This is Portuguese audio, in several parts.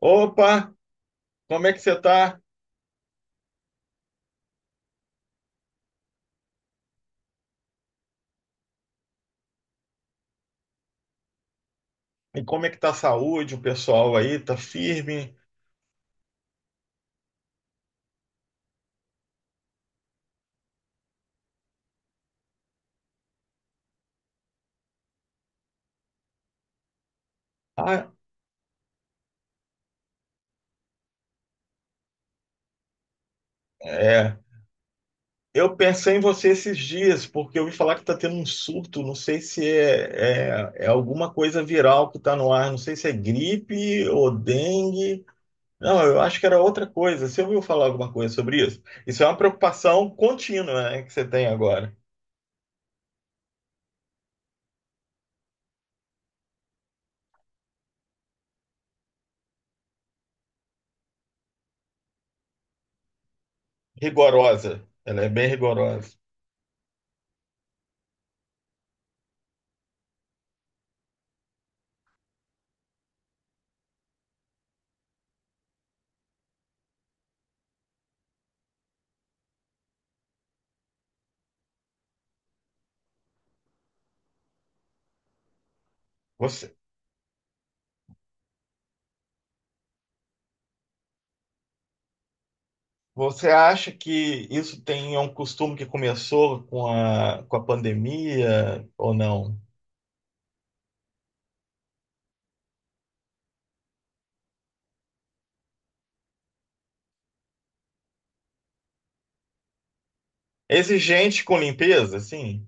Opa, como é que você tá? E como é que tá a saúde? O pessoal aí tá firme? Ah, é. Eu pensei em você esses dias, porque eu ouvi falar que tá tendo um surto, não sei se é alguma coisa viral que tá no ar, não sei se é gripe ou dengue. Não, eu acho que era outra coisa. Você ouviu falar alguma coisa sobre isso? Isso é uma preocupação contínua, né, que você tem agora. Rigorosa. Ela é bem rigorosa. Você, Você acha que isso tem é um costume que começou com a pandemia ou não? Exigente com limpeza, assim?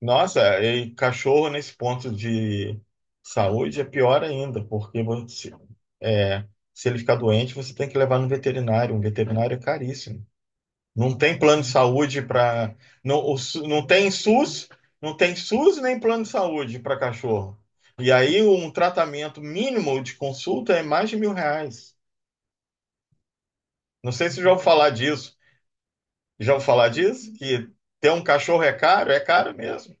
Nossa, e cachorro nesse ponto de saúde é pior ainda, porque você, é, se ele ficar doente, você tem que levar no veterinário. Um veterinário é caríssimo. Não tem plano de saúde para. Não, não tem SUS, não tem SUS nem plano de saúde para cachorro. E aí um tratamento mínimo de consulta é mais de mil reais. Não sei se já ouviu falar disso. Já ouviu falar disso? Que ter um cachorro é caro? É caro mesmo.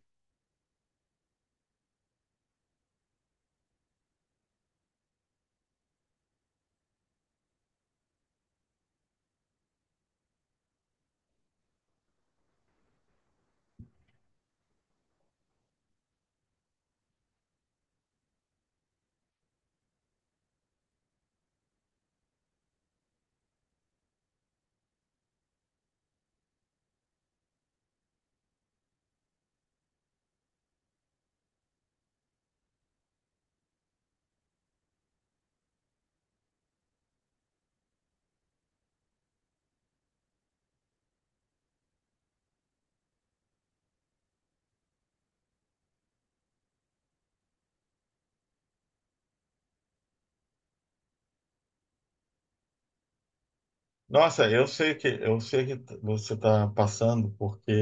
Nossa, eu sei que você está passando, porque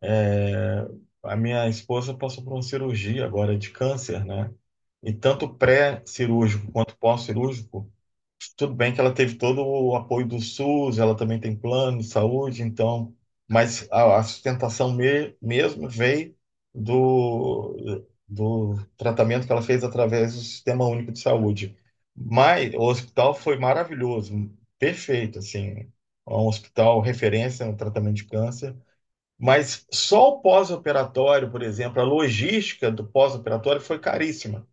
é, a minha esposa passou por uma cirurgia agora de câncer, né? E tanto pré-cirúrgico quanto pós-cirúrgico. Tudo bem que ela teve todo o apoio do SUS, ela também tem plano de saúde, então, mas a sustentação mesmo veio do tratamento que ela fez através do Sistema Único de Saúde. Mas o hospital foi maravilhoso, perfeito, assim, é um hospital referência no tratamento de câncer, mas só o pós-operatório, por exemplo, a logística do pós-operatório foi caríssima.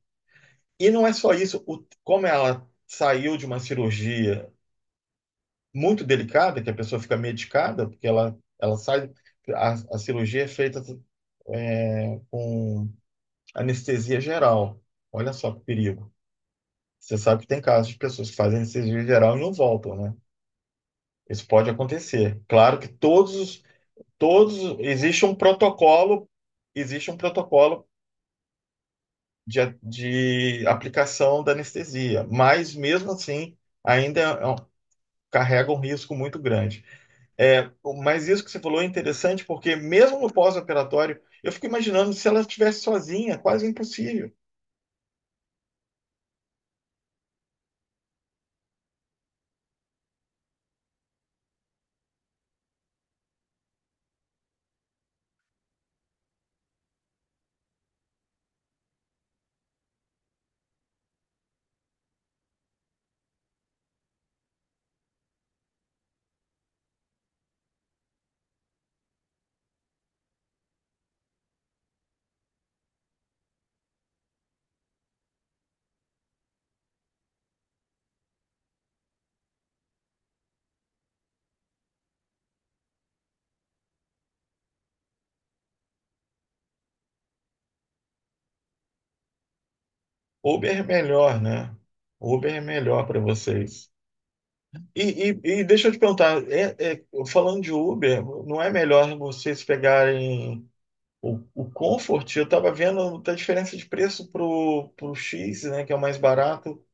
E não é só isso, como ela saiu de uma cirurgia muito delicada, que a pessoa fica medicada, porque ela sai. A cirurgia é feita com anestesia geral. Olha só que perigo. Você sabe que tem casos de pessoas que fazem anestesia geral e não voltam, né? Isso pode acontecer. Claro que todos existe um protocolo, existe um protocolo de aplicação da anestesia, mas mesmo assim ainda carrega um risco muito grande. É, mas isso que você falou é interessante, porque mesmo no pós-operatório, eu fico imaginando se ela estivesse sozinha, quase impossível. Uber é melhor, né? Uber é melhor para vocês. E, e deixa eu te perguntar, falando de Uber, não é melhor vocês pegarem o Comfort? Eu estava vendo a diferença de preço pro X, né, que é o mais barato.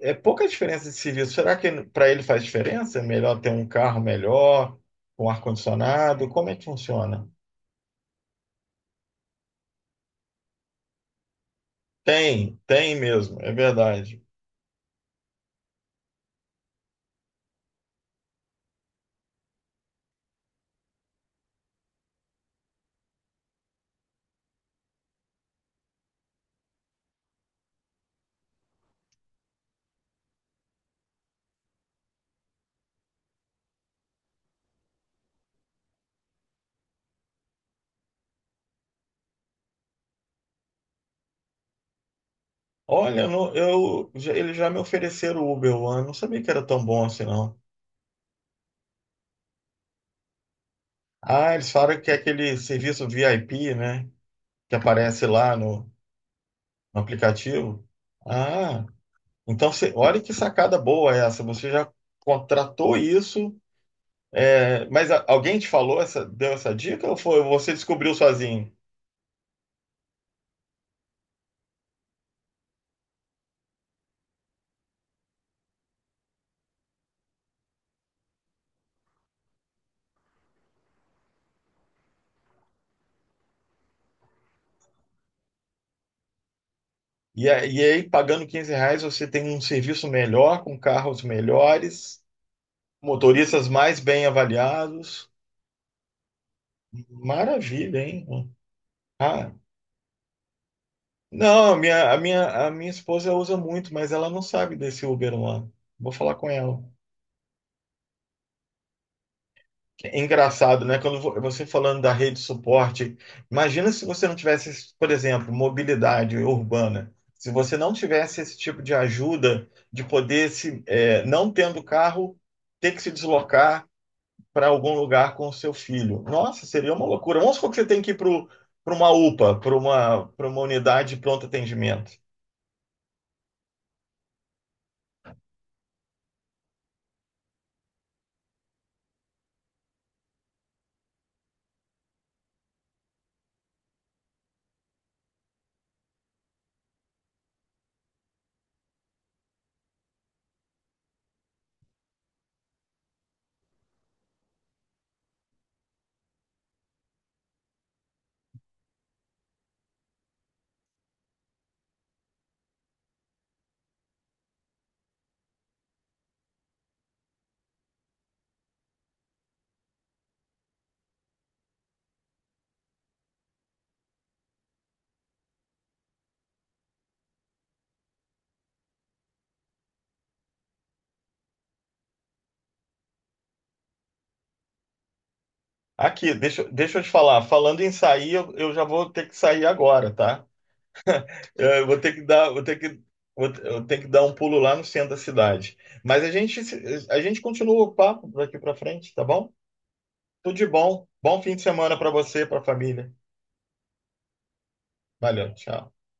É pouca diferença de serviço. Será que para ele faz diferença? É melhor ter um carro melhor, com ar-condicionado? Como é que funciona? Tem, tem mesmo, é verdade. Olha, eles já me ofereceram o Uber One, não sabia que era tão bom assim, não. Ah, eles falaram que é aquele serviço VIP, né? Que aparece lá no aplicativo. Ah, então você, olha que sacada boa essa. Você já contratou isso? É, mas alguém te falou essa, deu essa dica ou foi você descobriu sozinho? E aí, pagando R$ 15, você tem um serviço melhor, com carros melhores, motoristas mais bem avaliados. Maravilha, hein? Ah, não, a minha esposa usa muito, mas ela não sabe desse Uber lá. Vou falar com ela. É engraçado, né? Quando você falando da rede de suporte, imagina se você não tivesse, por exemplo, mobilidade urbana. Se você não tivesse esse tipo de ajuda de poder se, é, não tendo carro, ter que se deslocar para algum lugar com o seu filho. Nossa, seria uma loucura. Vamos supor que você tem que ir para uma UPA, para uma unidade de pronto atendimento. Aqui, deixa eu te falar. Falando em sair, eu já vou ter que sair agora, tá? É, eu vou ter que dar, vou ter que, eu tenho que dar um pulo lá no centro da cidade. Mas a gente, se- a gente continua o papo daqui para frente, tá bom? Tudo de bom. Bom fim de semana para você, para a família. Valeu, tchau.